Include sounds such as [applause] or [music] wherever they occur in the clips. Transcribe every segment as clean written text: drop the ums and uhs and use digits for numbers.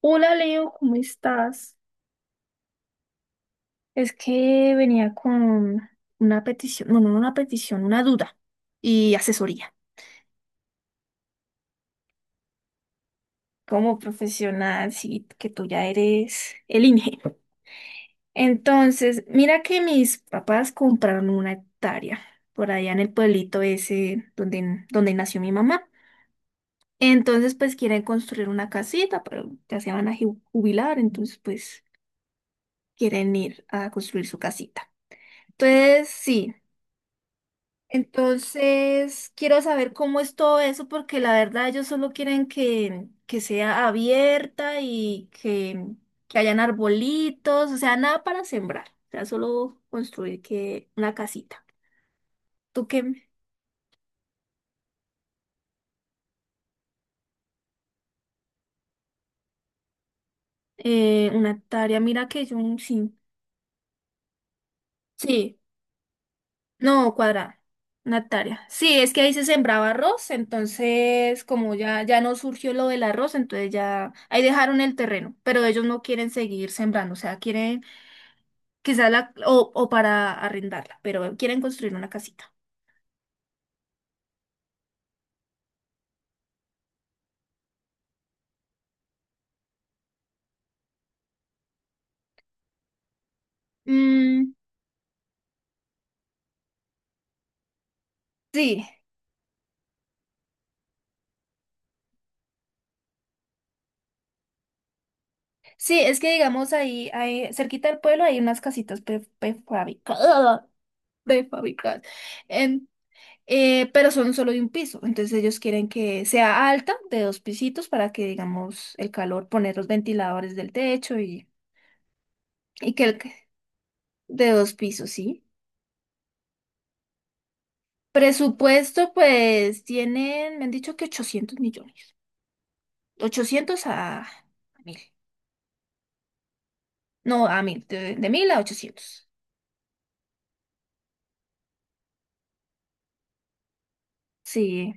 Hola Leo, ¿cómo estás? Es que venía con una petición, no, no una petición, una duda y asesoría. Como profesional, sí, que tú ya eres el INGE. Entonces, mira que mis papás compraron una hectárea por allá en el pueblito ese donde nació mi mamá. Entonces, pues quieren construir una casita, pero ya se van a jubilar, entonces pues quieren ir a construir su casita. Entonces, sí. Entonces, quiero saber cómo es todo eso, porque la verdad ellos solo quieren que sea abierta y que hayan arbolitos, o sea, nada para sembrar, o sea, solo construir que una casita. ¿Tú qué? Una hectárea, mira que yo sí. Sí, no, cuadrada, una hectárea. Sí, es que ahí se sembraba arroz, entonces como ya no surgió lo del arroz, entonces ya ahí dejaron el terreno, pero ellos no quieren seguir sembrando, o sea, quieren. Quizá o para arrendarla, pero quieren construir una casita. Mm, sí, sí, es que digamos ahí cerquita del pueblo hay unas casitas prefabricadas, [laughs] prefabricadas, em, pero son solo de un piso, entonces ellos quieren que sea alta, de dos pisitos, para que digamos el calor, poner los ventiladores del techo y, de dos pisos, ¿sí? Presupuesto, pues tienen, me han dicho que 800 millones, 800 a 1.000. No, a 1.000, de mil a 800. Sí.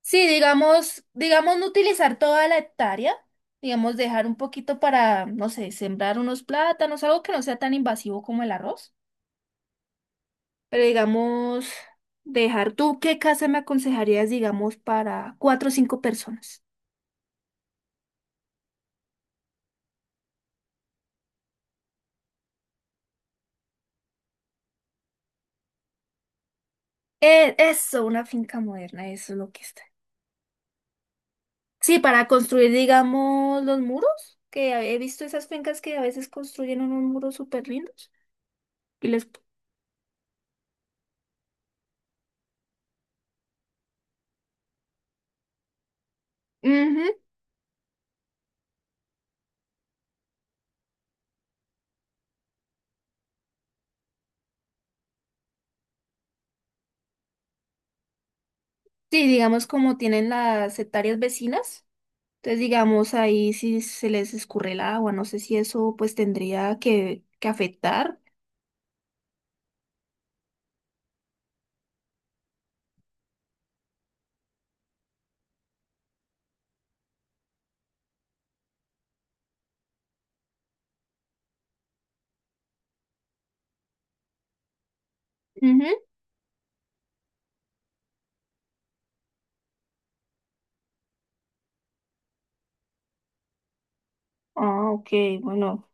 Sí, digamos no utilizar toda la hectárea, digamos dejar un poquito para, no sé, sembrar unos plátanos, algo que no sea tan invasivo como el arroz. Pero digamos, dejar, ¿tú qué casa me aconsejarías, digamos, para cuatro o cinco personas? Eso, una finca moderna, eso es lo que está. Sí, para construir, digamos, los muros, que he visto esas fincas que a veces construyen unos muros súper lindos. Y les. Ujú. Sí, digamos como tienen las hectáreas vecinas, entonces digamos ahí si se les escurre el agua, no sé si eso pues tendría que afectar. Ujú. Ah, ok, bueno,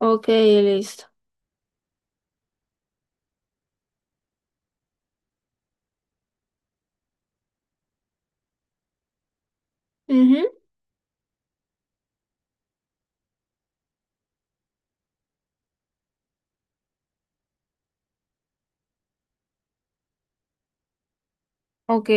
ok, listo. Ujú. Ok,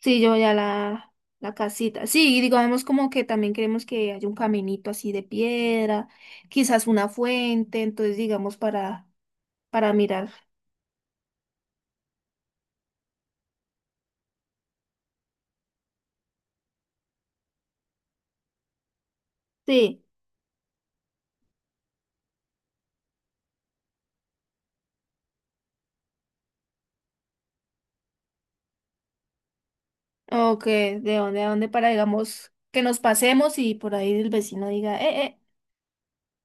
sí, yo ya la casita. Sí, y digamos como que también queremos que haya un caminito así de piedra, quizás una fuente, entonces digamos para mirar. Sí. Ok, de dónde a dónde para, digamos, que nos pasemos y por ahí el vecino diga.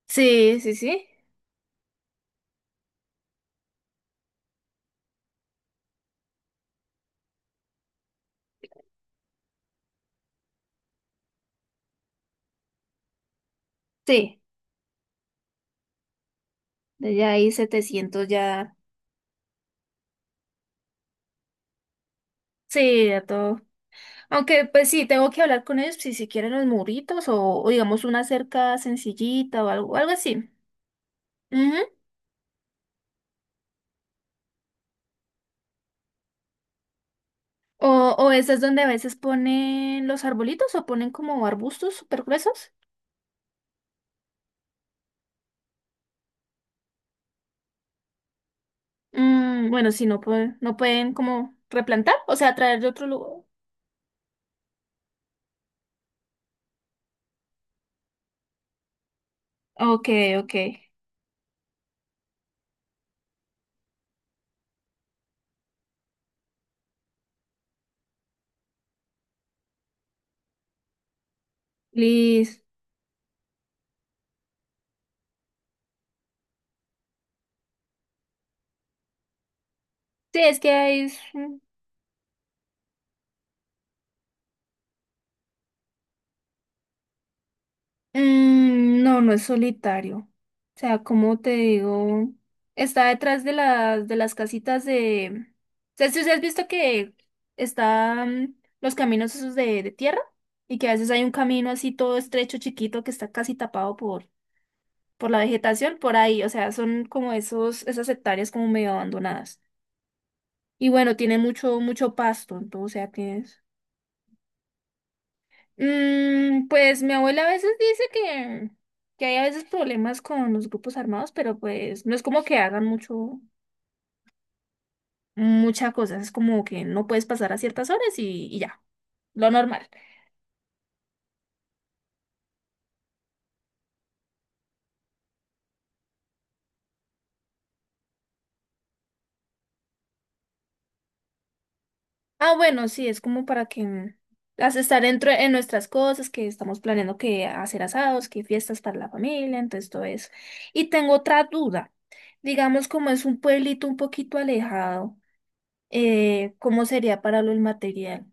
Sí, sí, sí. Sí, de ya ahí 700 ya. Sí, ya todo. Aunque, pues sí, tengo que hablar con ellos si quieren los muritos o digamos una cerca sencillita o algo así. Ujú. O, o esas donde a veces ponen los arbolitos o ponen como arbustos súper gruesos. Bueno, si no, no pueden como replantar, o sea, traer de otro lugar. Ok, ok. Listo. Sí, es que es. Mm, no no es solitario. O sea, como te digo, está detrás de las casitas de. O sea, si has visto que están los caminos esos de tierra y que a veces hay un camino así todo estrecho, chiquito, que está casi tapado por la vegetación, por ahí. O sea, son como esos, esas hectáreas como medio abandonadas. Y bueno, tiene mucho, mucho pasto, entonces, o sea, tienes. Pues mi abuela a veces dice que hay a veces problemas con los grupos armados, pero pues no es como que hagan mucho, mucha cosa, es como que no puedes pasar a ciertas horas y ya, lo normal. Ah, bueno, sí, es como para que estar dentro en nuestras cosas, que estamos planeando que hacer asados, que fiestas para la familia, entonces todo eso. Y tengo otra duda, digamos como es un pueblito un poquito alejado, ¿cómo sería para lo del material?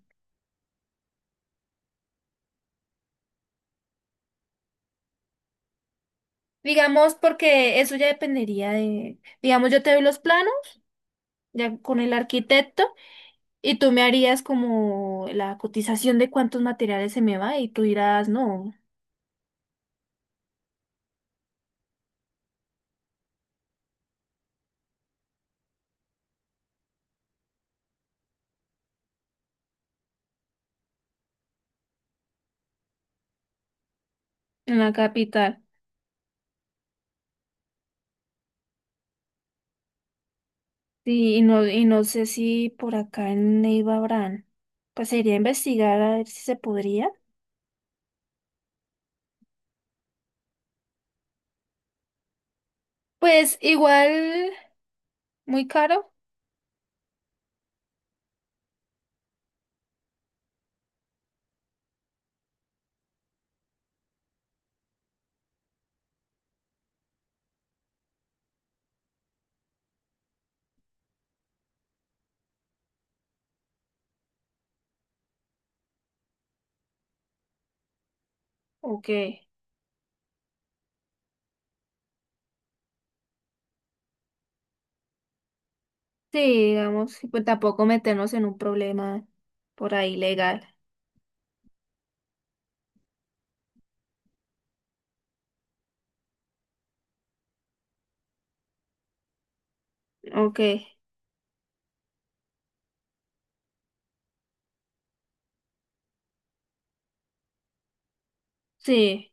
Digamos, porque eso ya dependería de, digamos, yo te doy los planos, ya con el arquitecto, y tú me harías como la cotización de cuántos materiales se me va, y tú dirás, no, en la capital. Sí, y no sé si por acá en Neiva habrán. Pues sería investigar a ver si se podría. Pues igual, muy caro, ¿o qué? Sí, digamos, pues tampoco meternos en un problema por ahí legal. Ok, sí.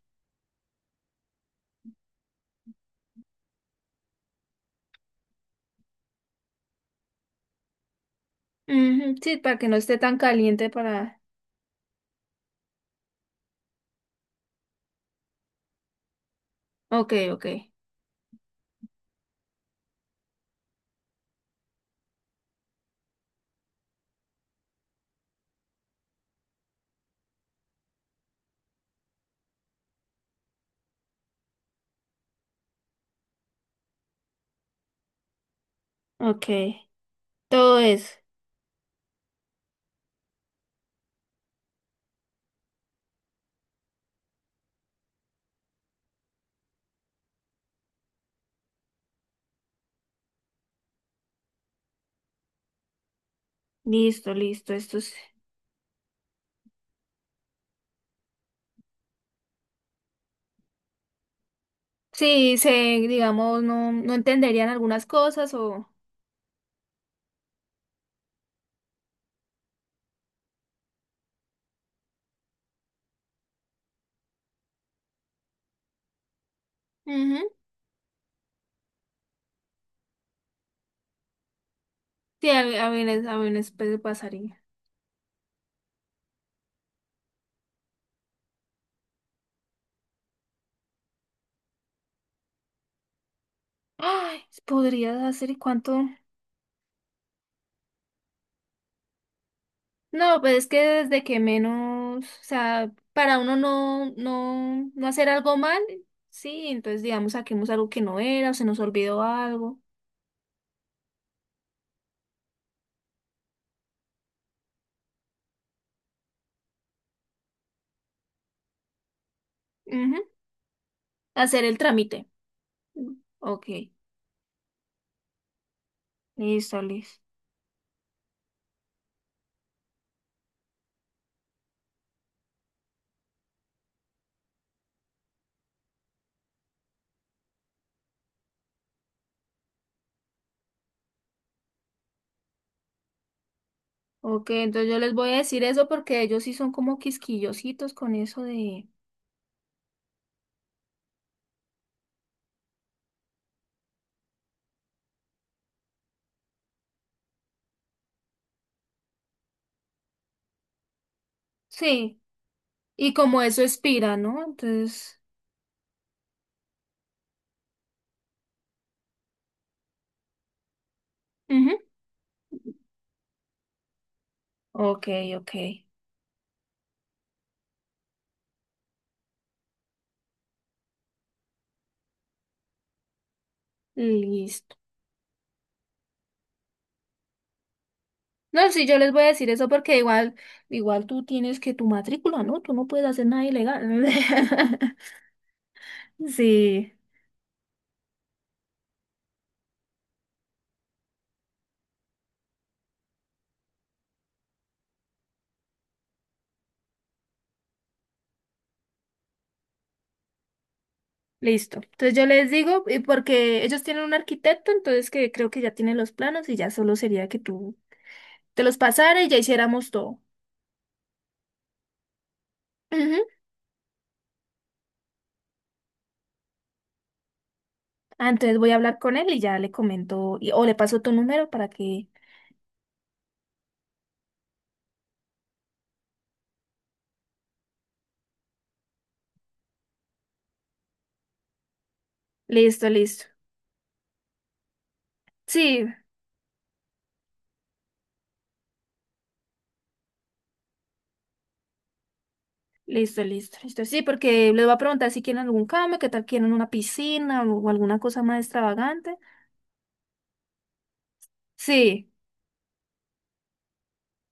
Ujú. Sí, para que no esté tan caliente para. Ok, ok, ok. Todo eso. Listo, listo. Sí, digamos, no, no entenderían algunas cosas o. Ujú. Sí, a veces pues, pasaría. Ay, podrías hacer cuánto. No, pues es que desde que menos, o sea, para uno no hacer algo mal, sí, entonces digamos saquemos algo que no era o se nos olvidó algo. Ujú. Hacer el trámite. Mm. Ok. Listo, listo. Ok, entonces yo les voy a decir eso porque ellos sí son como quisquillositos con eso de. Sí, y como eso expira, ¿no? Entonces. Ujú. Ok, ok. Listo. No, sí, yo les voy a decir eso porque igual tú tienes que tu matrícula, ¿no? Tú no puedes hacer nada ilegal. [laughs] Sí, listo. Entonces yo les digo, y porque ellos tienen un arquitecto, entonces que creo que ya tienen los planos y ya solo sería que tú te los pasara y ya hiciéramos todo. Ujú. Ah, entonces voy a hablar con él y ya le comento, o le paso tu número para que. Listo, listo. Sí, listo, listo, listo. Sí, porque les voy a preguntar si quieren algún cambio, qué tal quieren una piscina o alguna cosa más extravagante. Sí,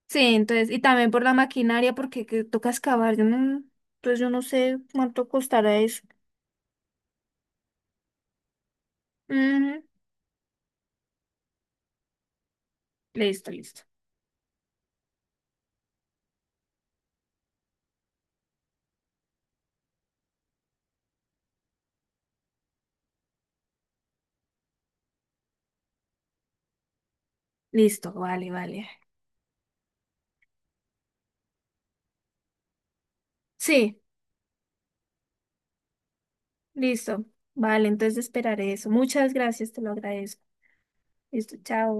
sí, entonces, y también por la maquinaria, porque que toca excavar, yo no, entonces yo no sé cuánto costará eso. Ujú. Listo, listo. Listo, vale, vale. Sí, listo. Vale, entonces esperaré eso. Muchas gracias, te lo agradezco. Listo, chao.